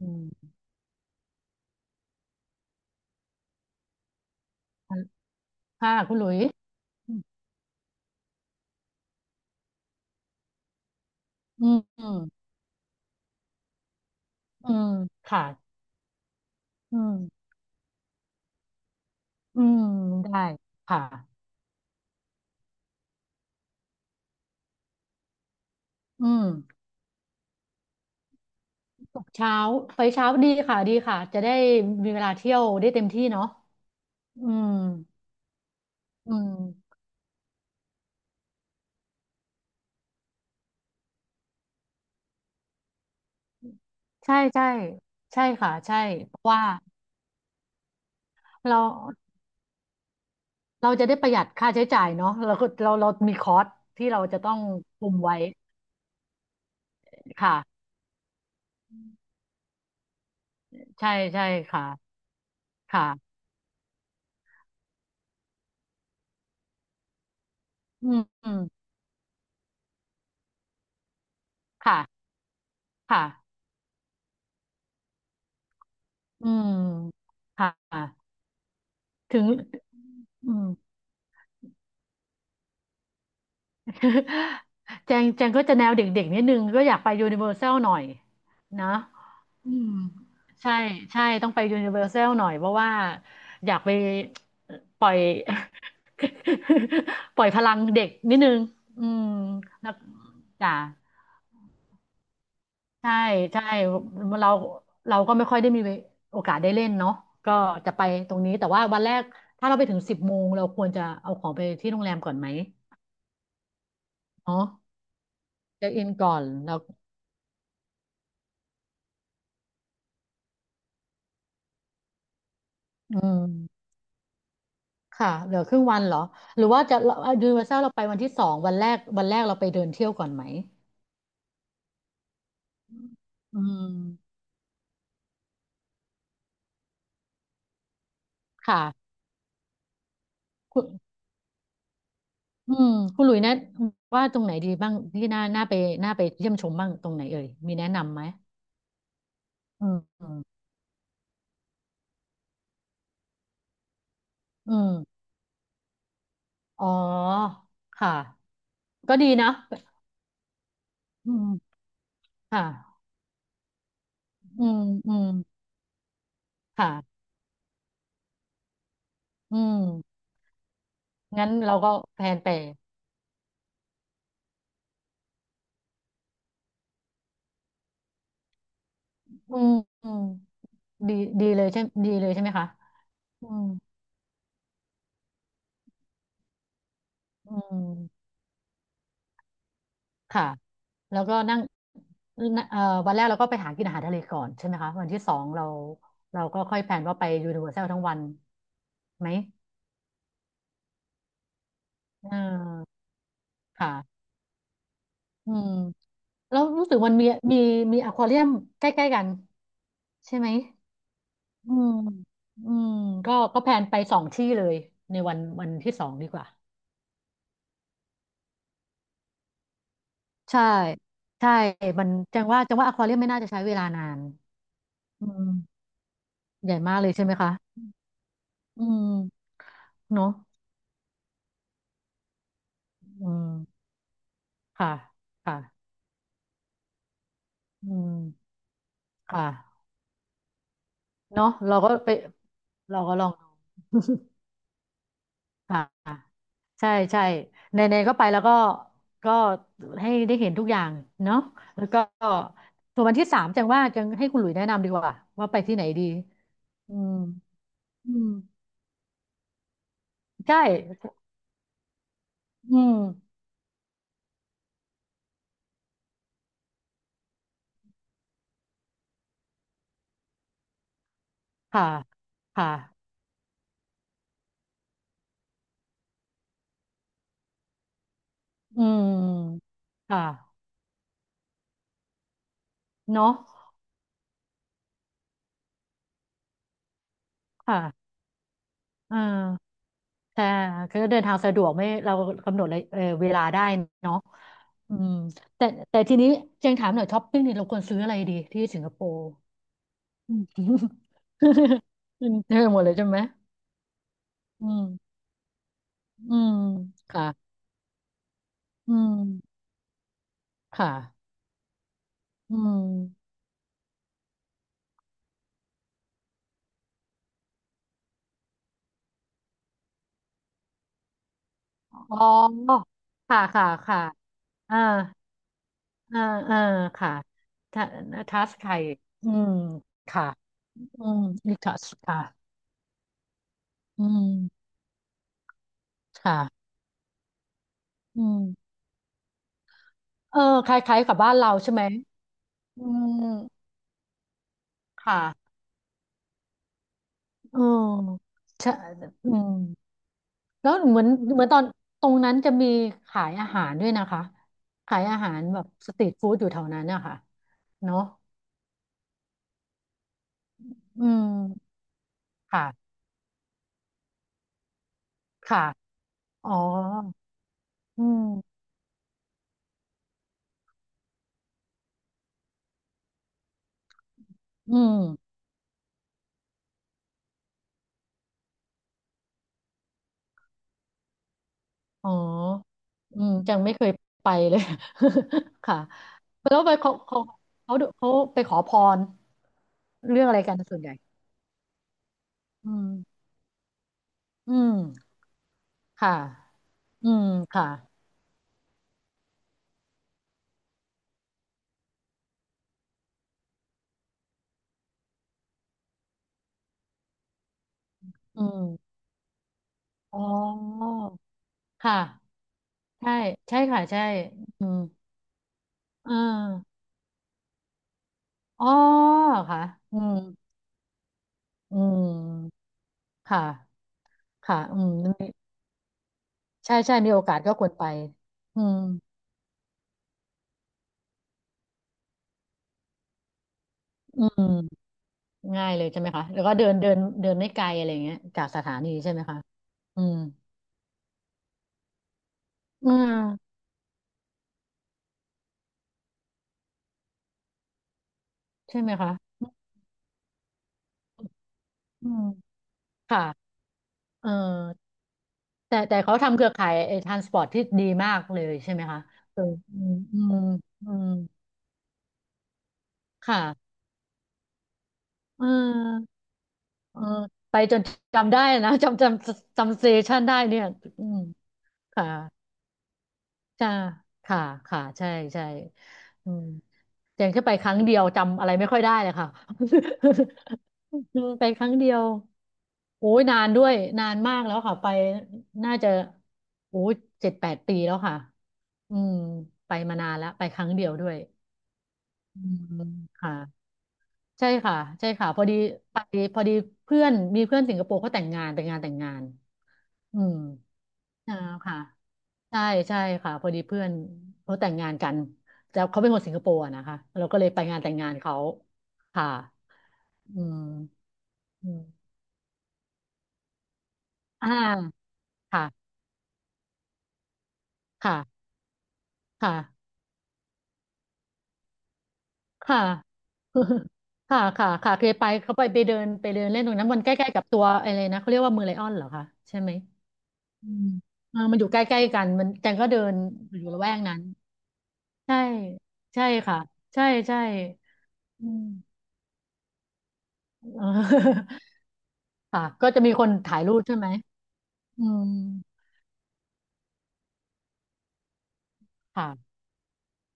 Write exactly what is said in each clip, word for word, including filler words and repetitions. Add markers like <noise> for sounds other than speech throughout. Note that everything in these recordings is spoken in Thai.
อืมอันค่ะคุณหลุยอืมอืมอืมอืมค่ะอืมอืมได้ค่ะอืมตกเช้าไปเช้าดีค่ะดีค่ะจะได้มีเวลาเที่ยวได้เต็มที่เนาะอืมอืมใช่ใช่ใช่ค่ะใช่เพราะว่าเราเราจะได้ประหยัดค่าใช้จ่ายเนาะเราก็เราเรามีคอร์สที่เราจะต้องคุมไว้ค่ะใช่ใช่ค่ะค่ะอืมอืมค่ะค่ะอืมค่ะ ถึงอืม <laughs> แจงแจงก็จะแนวเด็กๆนิดนึงก็อยากไปยูนิเวอร์แซลหน่อยนะอืมใช่ใช่ต้องไปยูนิเวอร์แซลหน่อยเพราะว่าอยากไปปล่อย <laughs> ปล่อยพลังเด็กนิดนึงอืมแล้วจ้ะใช่ใช่เราเราก็ไม่ค่อยได้มีโอกาสได้เล่นเนาะก็จะไปตรงนี้แต่ว่าวันแรกถ้าเราไปถึงสิบโมงเราควรจะเอาของไปที่โรงแรมก่อนไหมเนาะ เช็คอินก่อนแล้วอืมค่ะเหลือครึ่งวันเหรอหรือว่าจะยูนิเวอร์แซลเราไปวันที่สองวันแรกวันแรกเราไปเดินเที่ยวก่อนไหมอืมค่ะคุณอืมคุณหลุยแนะว่าตรงไหนดีบ้างที่น่าน่าไปน่าไปเยี่ยมชมบ้างตรงไหนเอ่ยมีแนะนำไหมอืมอืมอ๋อค่ะก็ดีนะอืมค่ะอืมอืมค่ะอืมงั้นเราก็แพลนไปอืมอืมดีดีเลยใช่ดีเลยใช่ไหมคะอืม อืมค่ะ แล้วก็นั่งเอ่อวันแรกเราก็ไปหากินอาหารทะเลก่อนใช่ไหมคะ วันที่สองเราเราก็ค่อยแพลนว่าไปยูนิเวอร์แซลทั้งวันไหมเออค่ะอืมแล้วรู้สึกมันมีมีมีอควาเรียมใกล้ๆกันใช่ไหมอืมอืมก็ก็แพลนไปสองที่เลยในวันวันที่สองดีกว่า ใช่ ใช่มันจังว่าจังว่าอควาเรียมไม่น่าจะใช้เวลานาน อืม ใหญ่มากเลยใช่ไหมคะอืมเนอะ อืมค่ะ ค่ะอืมค่ะเนาะเราก็ไป เราก็ลองดู <laughs> ค่ะใช่ใช่ในในก็ไปแล้วก็ก็ให้ได้เห็นทุกอย่าง เนาะแล้วก็ส่วนวันที่สามจังว่าจังให้คุณหลุยแนะนำดีกว่าว่าไปที่ไหนดีอืมอืมใช่ อืม ค่ะ ค่ะอืมค่ะเนาะค่ะอ่า ใช่ก็เดินทางสะดวกไม่เรากำหนดเลยเออเวลาได้เนาะอืมแต่แต่ทีนี้เจงถามหน่อยช้อปปิ้งนี่เราควรซื้ออะไรดีที่สิงคโปร์อืมอืม <laughs> เธอหมดเลยใช่ไหมอืมอืมค่ะอืมค่ะอืมอ๋อค่ะค่ะค่ะอ่าอ่าอ่าค่ะทัทัสไทยอืมค่ะอืมอีทัสค่ะอืมค่ะอืม เออคล้ายๆกับบ้านเราใช่ไหมอืมค่ะเออใช่อืมแล้วเหมือนเหมือนตอนตรงนั้นจะมีขายอาหารด้วยนะคะขายอาหารแบบสตรีทฟู้ดอยู่แถวนั้นนะคะเนาะอืมค่ะค่ะอ๋ออืมอืมอ๋ออืมยังไม่เคยไปเลย <laughs> ค่ะแล้วไปเขาเขาเขาเขาไปขอพรเรื่องอะไรกันส่วนใหญ่อืมอืมค่ะ อืมค่ะอืมอ๋อค่ะใช่ใช่ค่ะใช่อืมอ่าอ๋อค่ะอืมอืมค่ะค่ะอืมใช่ใช่มีโอกาสก็ควรไปอืมอืมง่ายเลยใช่ไหมคะแล้วก็เดินเดินเดินไม่ไกลอะไรอย่างเงี้ยจากสถานีใช่ไหมคะอืมอ่าใช่ไหมคะอืมค่ะเออแต่แต่เขาทำเครือข่ายไอ้ทรานสปอร์ตที่ดีมากเลยใช่ไหมคะเอออืมอืมอืม ค่ะเออเออไปจนจำได้นะจำจำจำเซชันได้เนี่ยอืมค่ะใช่ค่ะค่ะใช่ใช่อืมแต่แค่ไปครั้งเดียวจำอะไรไม่ค่อยได้เลยค่ะ <laughs> อืมไปครั้งเดียวโอ้ยนานด้วยนานมากแล้วค่ะไปน่าจะโอ้ยเจ็ดแปดปีแล้วค่ะอืมไปมานานแล้วไปครั้งเดียวด้วยอืมค่ะ ใช่ค่ะใช่ค่ะพอดีไปพอดีเพื่อนมีเพื่อนสิงคโปร์เขาแต่งงานไปนงานแต่งงานอืมอ่าค่ะใช่ใช่ค่ะพอดีเพื่อนเขาแต่งงานกันแต่เขาเป็นคนสิงคโปร์อะนะคะเราก็เลยไปงานแต่งงานเขาค่ะอืมอืมอ่าค่ะค่ะค่ะค่ะ <laughs> ค่ะค่ะค่ะเคยไปเขาไปไปเดินไปเดินเล่นตรงนั้นมันใกล้ๆกับตัวอะไรนะเขาเรียกว่าเมืองไลออนเหรอคะใช่ไหม อืมเออมันอยู่ใกล้ๆกันมันแจงก็เดินอยู่ละแวกนั้นใช่ใช่ค่ะใช่ใช่อืม <laughs> เออ <laughs> ค่ะก็จะมีคนถ่ายรูปใช่ไหมอืมค่ะ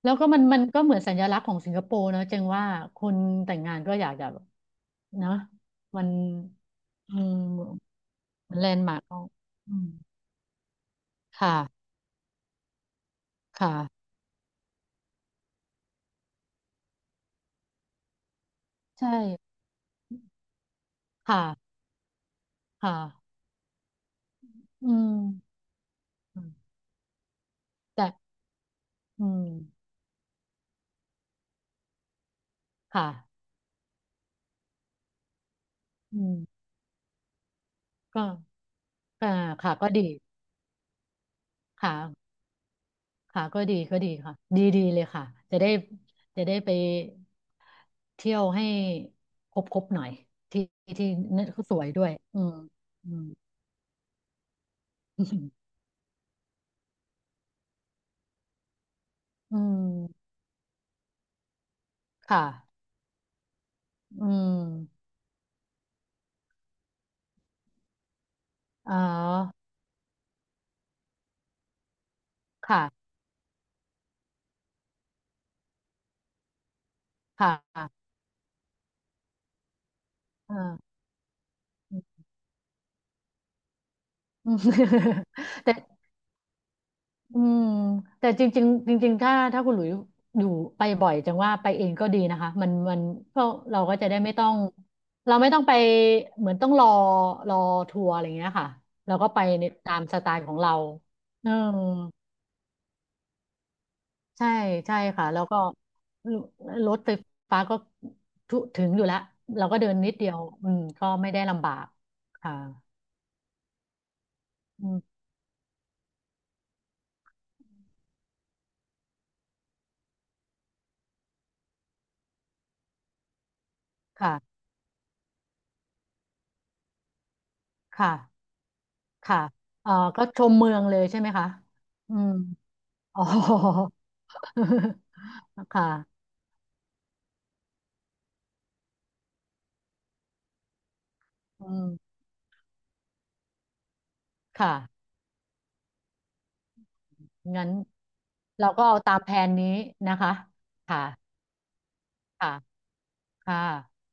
แล้วก็มันมันก็เหมือนสัญลักษณ์ของสิงคโปร์เนอะจจงว่าคนแต่งงานก็อยากจะแบบเนอะมันอืมมันแลนด์มาร์กของอืมค่ะค่ะใช่ค่ะค่ะอืมแต่อืมค่ะอืมก็ อ่าค่ะก็ดีค่ะค่ะก็ดีก็ดีค่ะ ดีดีเลยค่ะจะได้จะได้ไปเที่ยวให้ครบครบหน่อยที่ที่นั่นก็สวยด้วยอืมอืม <laughs> อืมค่ะอืมอ๋อค่ะค่ะอ่าอืม <laughs> แต่ อืมแต่จริงๆจริงๆถ้าถ้าคุณหลุยอยู่ไปบ่อยจังว่าไปเองก็ดีนะคะมันมันก็เราก็จะได้ไม่ต้องเราไม่ต้องไปเหมือนต้องรอรอทัวร์อะไรอย่างเงี้ยค่ะเราก็ไปในตามสไตล์ของเราเออใช่ใช่ค่ะแล้วก็รถไฟฟ้าก็ทุถึงอยู่แล้วเราก็เดินนิดเดียวอืมก็ไม่ได้ลำบากค่ะอืมค่ะค่ะค่ะเอ่อก็ชมเมืองเลยใช่ไหมคะอืม อ๋อ <laughs> ค่ะอืมค่ะงั้นเราก็เอาตามแผนนี้นะคะค่ะค่ะค่ะ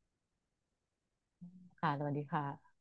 ค่ะสวัสดีค่ะ